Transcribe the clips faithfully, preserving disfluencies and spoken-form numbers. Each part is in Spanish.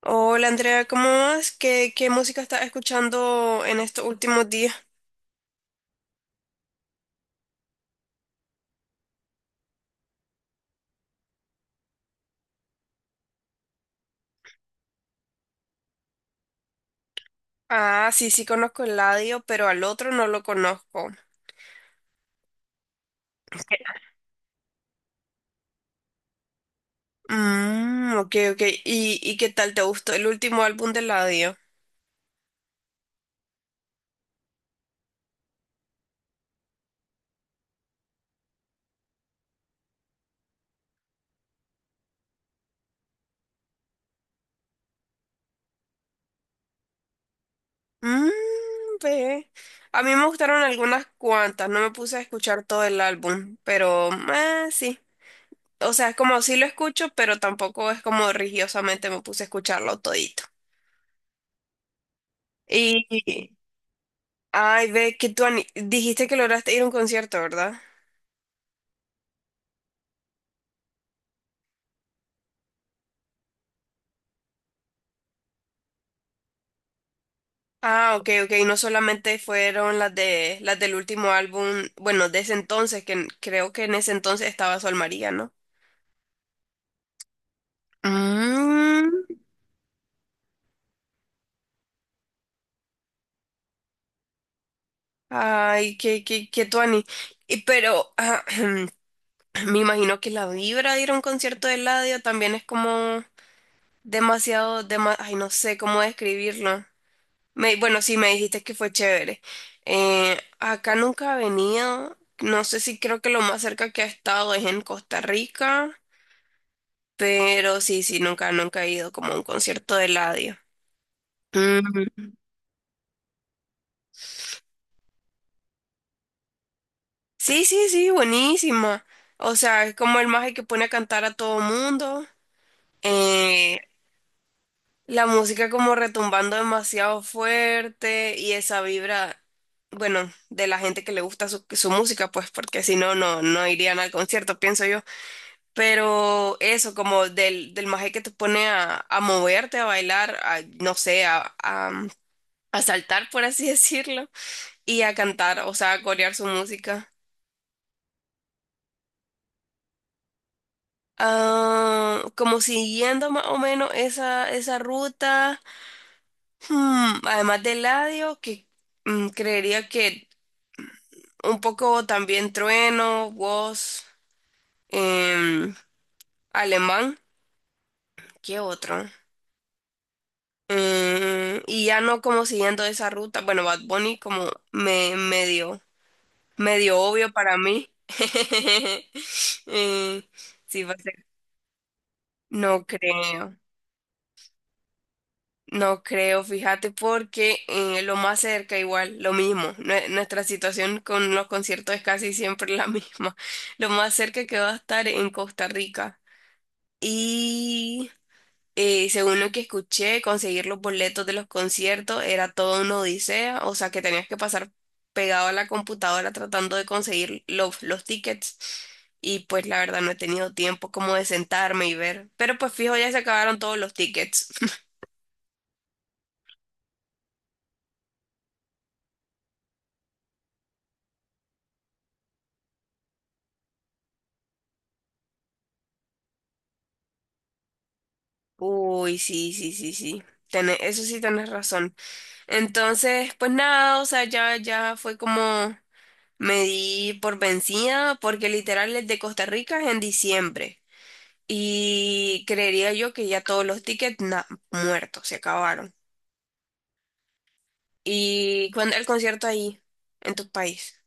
Hola Andrea, ¿cómo vas? ¿Qué, qué música estás escuchando en estos últimos días? Ah, sí, sí conozco el ladio, pero al otro no lo conozco. ¿Qué? Mm, ok, ok. ¿Y, y qué tal te gustó el último álbum del ladio? Mmm, ve. A mí me gustaron algunas cuantas, no me puse a escuchar todo el álbum, pero eh, sí. O sea, es como sí lo escucho, pero tampoco es como religiosamente me puse a escucharlo todito. Y Ay, ve que tú ani- dijiste que lograste ir a un concierto, ¿verdad? Ah, ok, ok. No solamente fueron las de las del último álbum, bueno, de ese entonces, que en- creo que en ese entonces estaba Sol María, ¿no? Mm, Ay, qué, qué, qué tuani. Y pero ah, me imagino que la vibra de ir a un concierto de Eladio también es como demasiado, dema- ay, no sé cómo describirlo. Me, bueno, sí, me dijiste que fue chévere. Eh, acá nunca he venido. No sé si creo que lo más cerca que he estado es en Costa Rica, pero sí, sí, nunca, nunca he ido como a un concierto de Eladio. Mm, Sí, sí, sí, buenísima. O sea, es como el mago que pone a cantar a todo mundo. Eh, la música como retumbando demasiado fuerte y esa vibra, bueno, de la gente que le gusta su, su música, pues porque si no, no, no irían al concierto, pienso yo. Pero eso, como del, del maje que te pone a, a moverte, a bailar, a, no sé, a, a, a saltar, por así decirlo, y a cantar, o sea, a corear su música. Ah, como siguiendo más o menos esa, esa ruta, hmm, además de Eladio, que mm, creería que un poco también Trueno, Woz, em, Alemán, ¿qué otro? Mm, y ya no como siguiendo esa ruta. Bueno, Bad Bunny como me medio, medio obvio para mí. Eh, sí, va a ser. No creo, no creo, fíjate, porque eh, lo más cerca igual, lo mismo. Nue- nuestra situación con los conciertos es casi siempre la misma. Lo más cerca que va a estar en Costa Rica. y Eh, según lo que escuché, conseguir los boletos de los conciertos era toda una odisea, o sea que tenías que pasar pegado a la computadora tratando de conseguir los, los tickets. Y pues la verdad no he tenido tiempo como de sentarme y ver. Pero pues fijo, ya se acabaron todos los tickets. Uy, sí, sí, sí, sí. Tené- eso sí tenés razón. Entonces, pues nada, o sea, ya, ya fue como me di por vencida, porque literal el de Costa Rica es en diciembre. Y creería yo que ya todos los tickets na- muertos, se acabaron. ¿Y cuándo el concierto ahí, en tu país?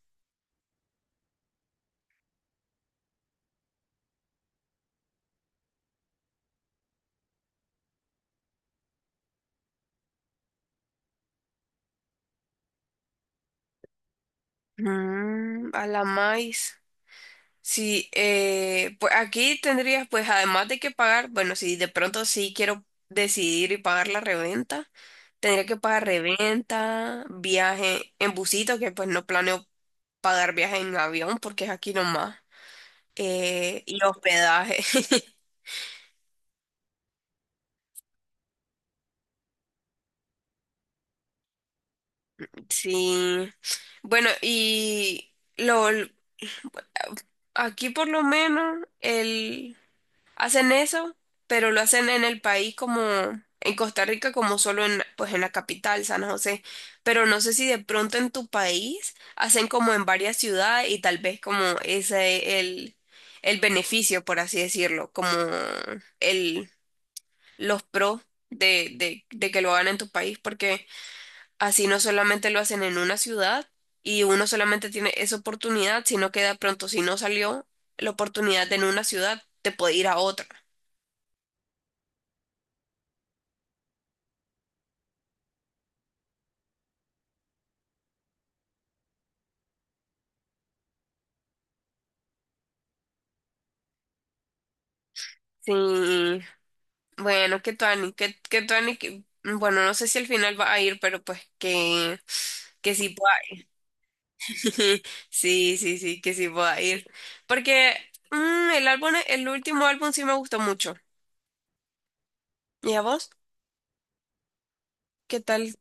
Mm, a la más. Sí, eh, pues aquí tendrías, pues además de que pagar, bueno, si de pronto sí quiero decidir y pagar la reventa, tendría que pagar reventa, viaje en busito, que pues no planeo pagar viaje en avión porque es aquí nomás, eh, y hospedaje. Sí. Bueno, y lo aquí por lo menos el hacen eso, pero lo hacen en el país como en Costa Rica como solo en pues en la capital, San José, pero no sé si de pronto en tu país hacen como en varias ciudades y tal vez como ese el el beneficio, por así decirlo, como el los pros de de de que lo hagan en tu país porque así no solamente lo hacen en una ciudad y uno solamente tiene esa oportunidad, sino que de pronto si no salió la oportunidad en una ciudad, te puede ir a otra. Sí, bueno, que Tuani, que, que Tuani, que- bueno, no sé si al final va a ir, pero pues que, que sí pueda ir. Sí, sí, sí, que sí pueda ir. Porque mm, el álbum, el último álbum sí me gustó mucho. ¿Y a vos? ¿Qué tal?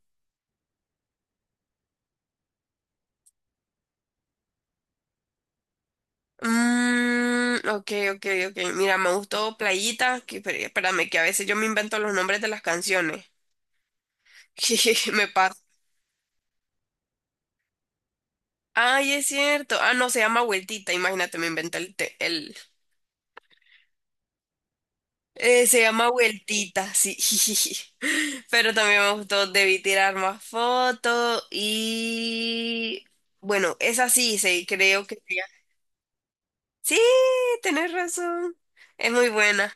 Mm, ok, ok, ok. Mira, me gustó Playita, que espé- espérame, que a veces yo me invento los nombres de las canciones. Me pasa. Ay, es cierto. Ah, no, se llama Vueltita, imagínate, me inventé el... te- el... Eh, se llama Vueltita, sí. Pero también me gustó Debí tirar más fotos y... Bueno, esa sí, sí, creo que... Sí, tenés razón. Es muy buena.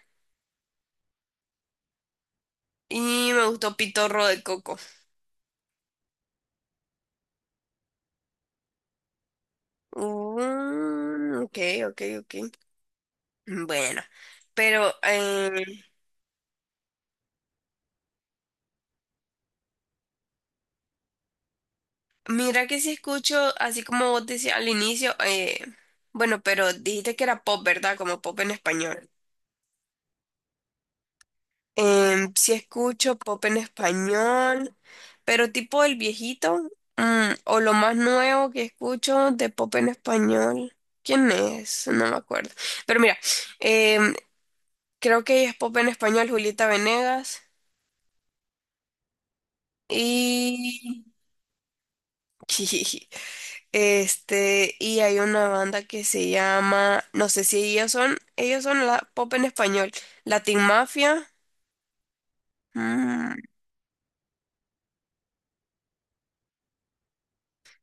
Y me gustó Pitorro de Coco. Mm, ok, ok, ok. Mm, Bueno, pero eh, mira que si escucho, así como vos decías al inicio, eh, bueno, pero dijiste que era pop, ¿verdad? Como pop en español. Em, sí escucho pop en español, pero tipo el viejito, mm, o lo más nuevo que escucho de pop en español. ¿Quién es? No me acuerdo. Pero mira, em, creo que es pop en español Julieta Venegas y... Este, y hay una banda que se llama, no sé si ellos son, ellos son la pop en español, Latin Mafia. mm,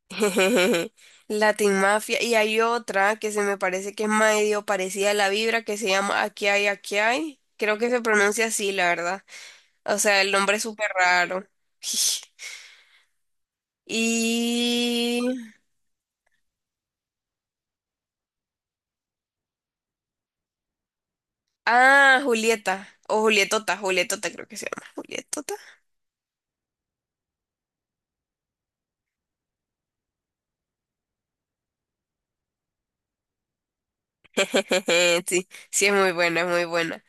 Latin Mafia. Y hay otra que se me parece que es medio parecida a la vibra que se llama Aquí hay, aquí hay. Creo que se pronuncia así, la verdad. O sea, el nombre es súper raro. Y... Ah, Julieta. O Julietota, Julietota creo que se llama. Julietota. Sí, sí es muy buena, es muy buena.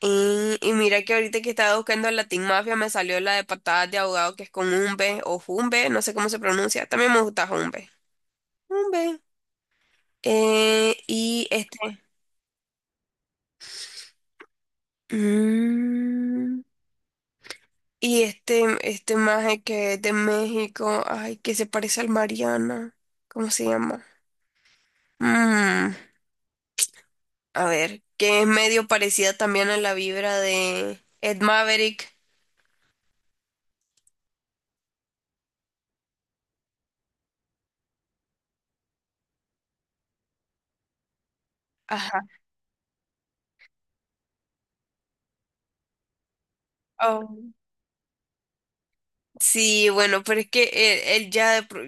Y, y mira que ahorita que estaba buscando la Teen Mafia me salió la de patadas de ahogado que es con Humbe o Jumbe, no sé cómo se pronuncia. También me gusta Humbe. Humbe. Eh, y este. Mm, y este, este maje que es de México, ay, que se parece al Mariana. ¿Cómo se llama? Mm, a ver, que es medio parecida también a la vibra de Ed Maverick. Ajá. Oh. Sí, bueno, pero es que él, él ya, de pro-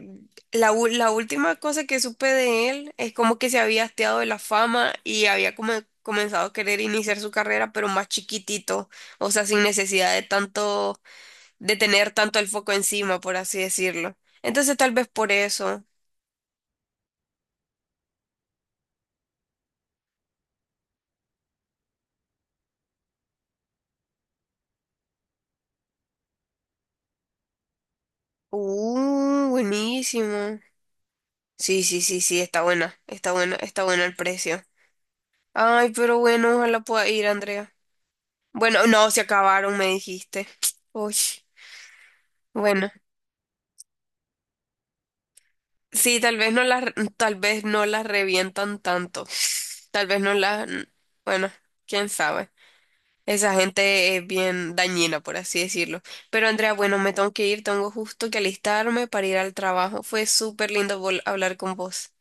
la, u- la última cosa que supe de él es como que se había hasteado de la fama y había como comenzado a querer iniciar su carrera, pero más chiquitito, o sea, sin necesidad de tanto, de tener tanto el foco encima, por así decirlo. Entonces tal vez por eso. Uh, buenísimo. Sí, sí, sí, sí, está buena, está buena, está buena el precio. Ay, pero bueno, ojalá pueda ir, Andrea. Bueno, no, se acabaron, me dijiste. Uy. Bueno, sí, tal vez no las, tal vez no las revientan tanto. Tal vez no las, Bueno, quién sabe. Esa gente es bien dañina, por así decirlo. Pero Andrea, bueno, me tengo que ir, tengo justo que alistarme para ir al trabajo. Fue súper lindo vol- hablar con vos.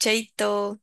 Chaito.